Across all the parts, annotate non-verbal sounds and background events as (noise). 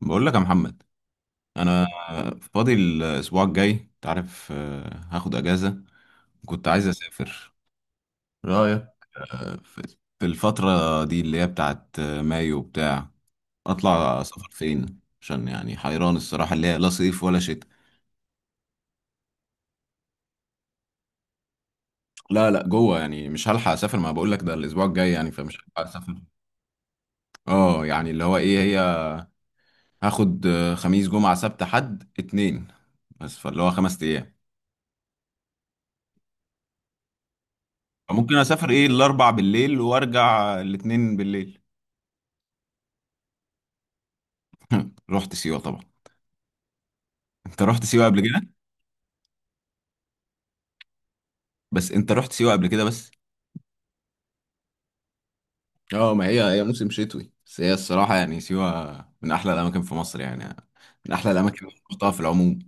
بقول لك يا محمد، انا فاضي الاسبوع الجاي، انت عارف، هاخد اجازه. كنت عايز اسافر، رايك؟ آه، في في الفتره دي اللي هي بتاعت مايو بتاع. اطلع سفر فين؟ عشان يعني حيران الصراحه، اللي هي لا صيف ولا شتاء. لا لا جوه، يعني مش هلحق اسافر، ما بقول لك ده الاسبوع الجاي يعني، فمش هلحق اسافر. اه، يعني اللي هو ايه هي، هاخد خميس جمعه سبت حد اتنين. بس فاللي هو خمس ايام. ممكن اسافر ايه، الاربع بالليل وارجع الاتنين بالليل. (laughs) رحت سيوه طبعا. انت رحت سيوه قبل كده؟ بس انت رحت سيوه قبل كده بس. اه، ما هي موسم شتوي، بس هي الصراحه يعني سيوه من احلى الاماكن في مصر يعني. من احلى الاماكن اللي رحتها في العموم.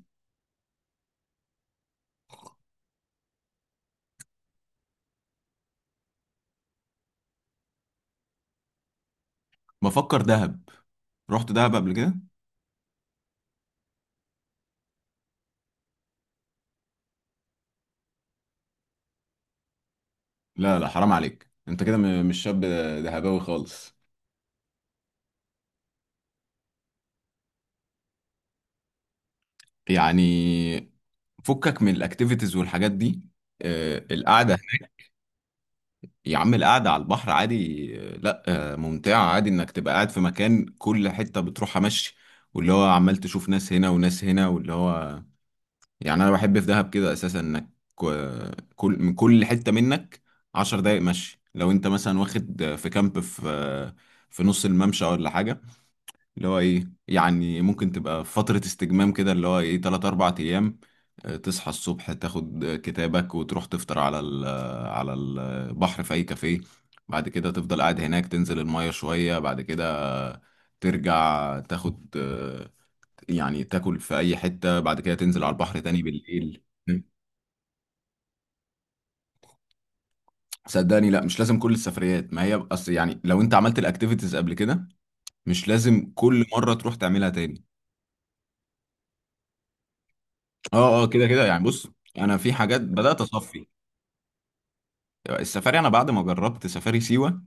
بفكر دهب، رحت دهب قبل كده. لا لا حرام عليك، انت كده مش شاب دهباوي خالص. يعني فكك من الاكتيفيتيز والحاجات دي، القعده. يا عم، القعدة على البحر عادي، لا ممتعة عادي، انك تبقى قاعد في مكان كل حتة بتروحها مشي. واللي هو عمال تشوف ناس هنا وناس هنا واللي هو، يعني انا بحب في دهب كده اساسا انك كل من كل حتة منك عشر دقايق مشي. لو انت مثلا واخد في كامب في في نص الممشى ولا حاجة. اللي هو ايه يعني، ممكن تبقى في فترة استجمام كده اللي هو ايه تلات أربع أيام. تصحى الصبح، تاخد كتابك وتروح تفطر على ال آه، على البحر في أي كافيه. بعد كده تفضل قاعد هناك، تنزل المية شوية. بعد كده ترجع تاخد يعني تاكل في أي حتة، بعد كده تنزل على البحر تاني بالليل. صدقني لا، مش لازم كل السفريات، ما هي اصل يعني لو انت عملت الاكتيفيتيز قبل كده مش لازم كل مرة تروح تعملها تاني. اه اه، كده كده يعني، بص، انا في حاجات بدأت اصفي. السفاري، انا بعد ما جربت سفاري سيوه،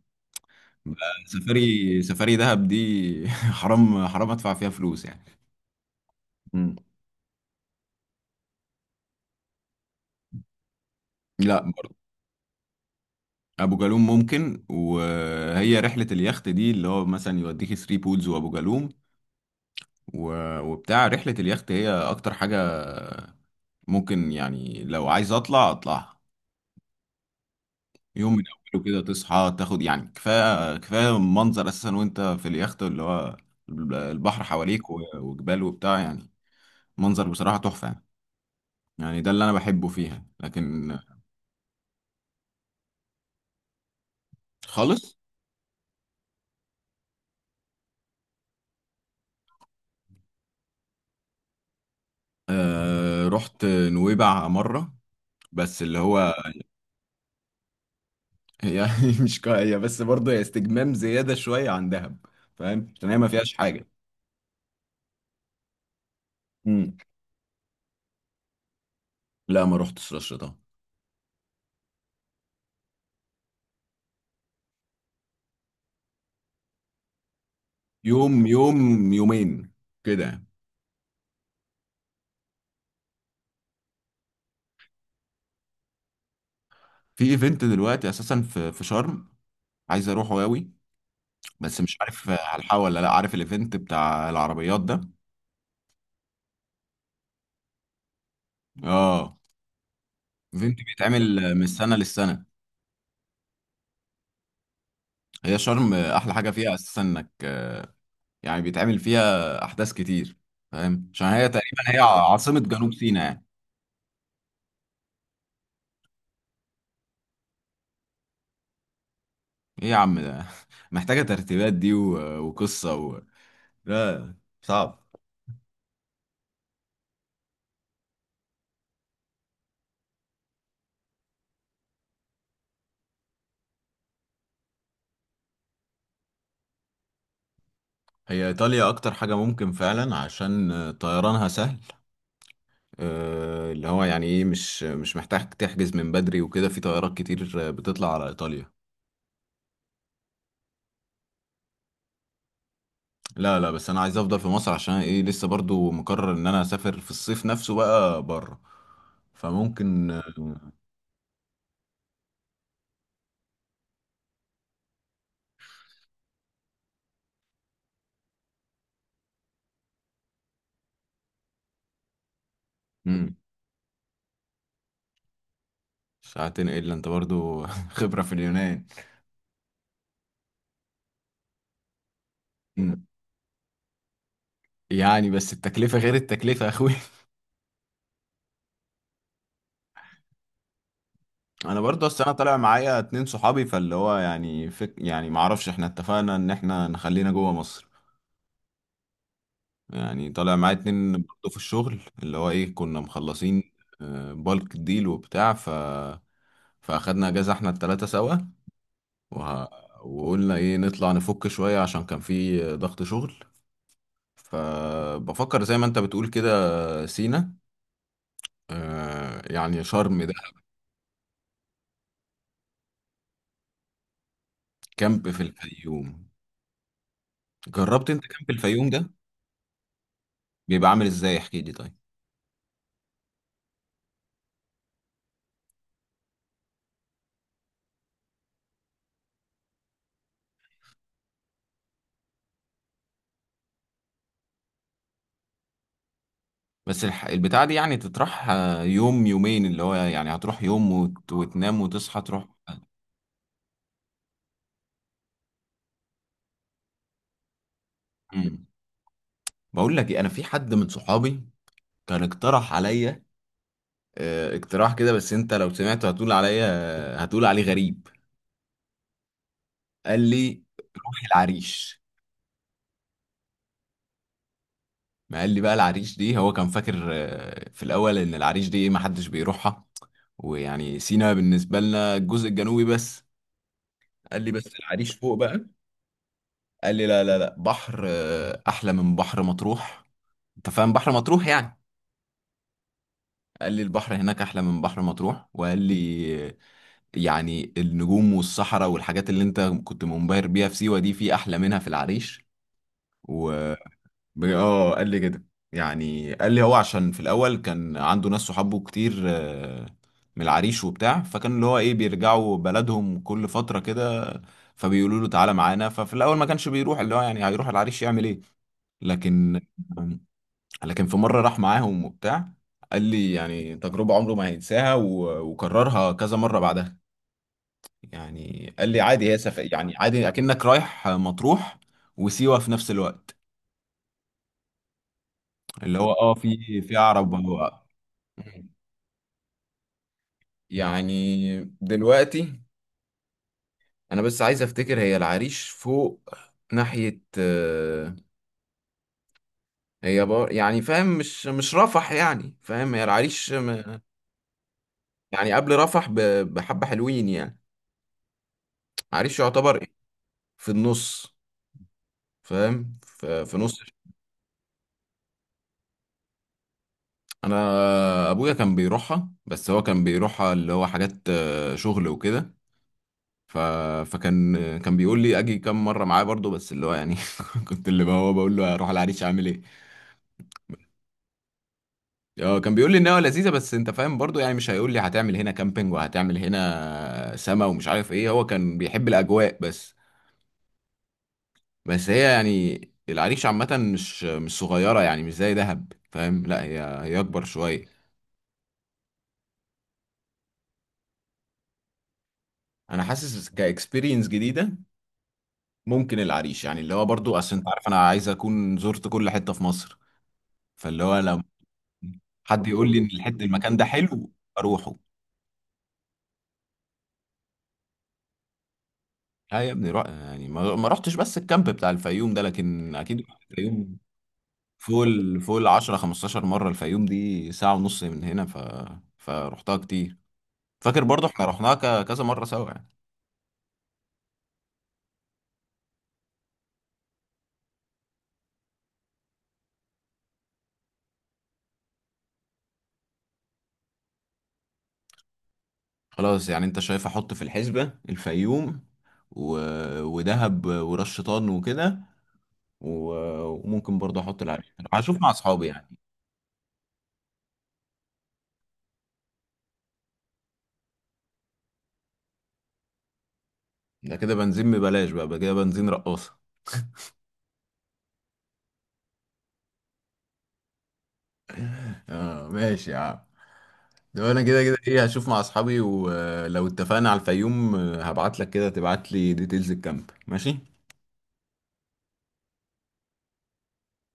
سفاري دهب دي (laughs) حرام حرام ادفع فيها فلوس يعني. مم. لا برضه. ابو جالوم ممكن، وهي رحله اليخت دي اللي هو مثلا يوديك ثري بولز وابو جالوم وبتاع، رحله اليخت هي اكتر حاجه. ممكن يعني لو عايز اطلع اطلعها. يوم من اوله كده تصحى، تاخد يعني كفايه كفايه منظر اساسا وانت في اليخت اللي هو البحر حواليك وجبال وبتاع يعني، منظر بصراحه تحفه يعني. يعني ده اللي انا بحبه فيها، لكن. خالص. آه رحت نويبع مرة، بس اللي هو هي، (laughs) مش كا- هي بس برضه هي استجمام زيادة شوية عن دهب، فاهم؟ عشان هي ما فيهاش حاجة. مم. لا ما رحتش رشة ده. يوم يوم يومين كده يعني. في ايفنت دلوقتي اساسا في شرم، عايز اروحه قوي، بس مش عارف هلحقه ولا لا، عارف الايفنت بتاع العربيات ده. اه، ايفنت بيتعمل من السنة للسنة. هي شرم احلى حاجة فيها اساسا انك، يعني بيتعمل فيها أحداث كتير. فاهم؟ عشان هي تقريبا هي عاصمة جنوب سيناء يعني. إيه يا عم؟ ده (laughs) محتاجة ترتيبات دي وقصة لا، صعب. هي إيطاليا أكتر حاجة ممكن فعلا، عشان طيرانها سهل. اللي هو يعني إيه، مش محتاج تحجز من بدري وكده، في طيارات كتير بتطلع على إيطاليا. لا لا، بس أنا عايز أفضل في مصر، عشان إيه؟ لسه برضو مقرر إن أنا أسافر في الصيف نفسه بقى بره، فممكن. مم. ساعتين الا انت برضو؟ (laughs) خبرة في اليونان. مم. يعني، بس التكلفة غير التكلفة يا اخوي. (laughs) انا برضو، اصل انا طالع معايا اتنين صحابي، فاللي هو يعني فك يعني، معرفش، احنا اتفقنا ان احنا نخلينا جوه مصر. يعني طالع معايا اتنين برضو في الشغل اللي هو ايه، كنا مخلصين. بالك ديل وبتاع، فاخدنا اجازة احنا التلاتة سوا وه... وقلنا ايه، نطلع نفك شوية، عشان كان في ضغط شغل. فبفكر زي ما انت بتقول كده سينا، آه يعني شرم ده. كامب في الفيوم؟ جربت انت كامب الفيوم ده؟ بيبقى عامل ازاي؟ احكي لي طيب. بس البتاع دي يعني تطرح يوم يومين، اللي هو يعني هتروح يوم وتنام وتصحى تروح. مم. بقول لك ايه، انا في حد من صحابي كان اقترح عليا. آه اقتراح كده، بس انت لو سمعته هتقول عليا، هتقول عليه غريب. قال لي روح العريش. ما قال لي بقى، العريش دي هو كان فاكر في الاول ان العريش دي إيه، ما حدش بيروحها. ويعني سينا بالنسبة لنا الجزء الجنوبي بس. قال لي بس العريش فوق بقى. قال لي لا لا لا، بحر أحلى من بحر مطروح. أنت فاهم بحر مطروح يعني؟ قال لي البحر هناك أحلى من بحر مطروح، وقال لي يعني النجوم والصحراء والحاجات اللي أنت كنت منبهر بيها في سيوة دي، في أحلى منها في العريش و... اه قال لي كده. يعني قال لي هو عشان في الاول كان عنده ناس صحابه كتير من العريش وبتاع، فكان اللي هو ايه بيرجعوا بلدهم كل فتره كده. فبيقولوا له تعالى معانا، ففي الاول ما كانش بيروح، اللي هو يعني هيروح العريش يعمل ايه؟ لكن، آه، لكن في مره راح معاهم وبتاع. قال لي يعني تجربه عمره ما هينساها، وكررها كذا مره بعدها. يعني قال لي عادي هي يعني عادي اكنك رايح مطروح وسيوه في نفس الوقت. اللي هو، اه، في عرب. مم. يعني دلوقتي انا بس عايز افتكر، هي العريش فوق ناحية هي بار يعني، فاهم؟ مش رفح يعني، فاهم؟ هي العريش يعني قبل رفح بحبة حلوين يعني. عريش يعتبر إيه؟ في النص، فاهم؟ في نص. انا ابويا كان بيروحها، بس هو كان بيروحها اللي هو حاجات شغل وكده. ف... فكان بيقول لي اجي كام مره معاه برضو، بس اللي هو يعني (laughs) كنت اللي هو بقول له اروح العريش اعمل ايه؟ اه كان بيقول لي ان هو لذيذه، بس انت فاهم برضو يعني مش هيقول لي هتعمل هنا كامبينج وهتعمل هنا سما ومش عارف ايه، هو كان بيحب الاجواء بس. بس هي يعني العريش عامه مش صغيره يعني، مش زي دهب فاهم، لا هي اكبر شويه. انا حاسس كاكسبيرينس جديده ممكن العريش يعني، اللي هو برضو، اصل انت عارف انا عايز اكون زرت كل حته في مصر، فاللي هو لو. حد يقول لي ان الحته، المكان ده حلو، اروحه. لا يا ابني، روح يعني ما رحتش بس الكامب بتاع الفيوم ده، لكن اكيد رحت الفيوم. فوق ال 10 15 مره، الفيوم دي ساعه ونص من هنا، فرحتها كتير. فاكر برضه احنا رحناها كذا مره سوا يعني. خلاص يعني، انت شايف احط في الحسبه الفيوم و... ودهب وراس شيطان وكده و... وممكن برضه احط العريش، هشوف مع اصحابي يعني. ده كده بنزين ببلاش بقى كده، بنزين رقاصه. اه ماشي يا عم، ده انا كده كده ايه، هشوف مع اصحابي، ولو اتفقنا على الفيوم هبعت لك، كده تبعت لي ديتيلز الكامب، ماشي؟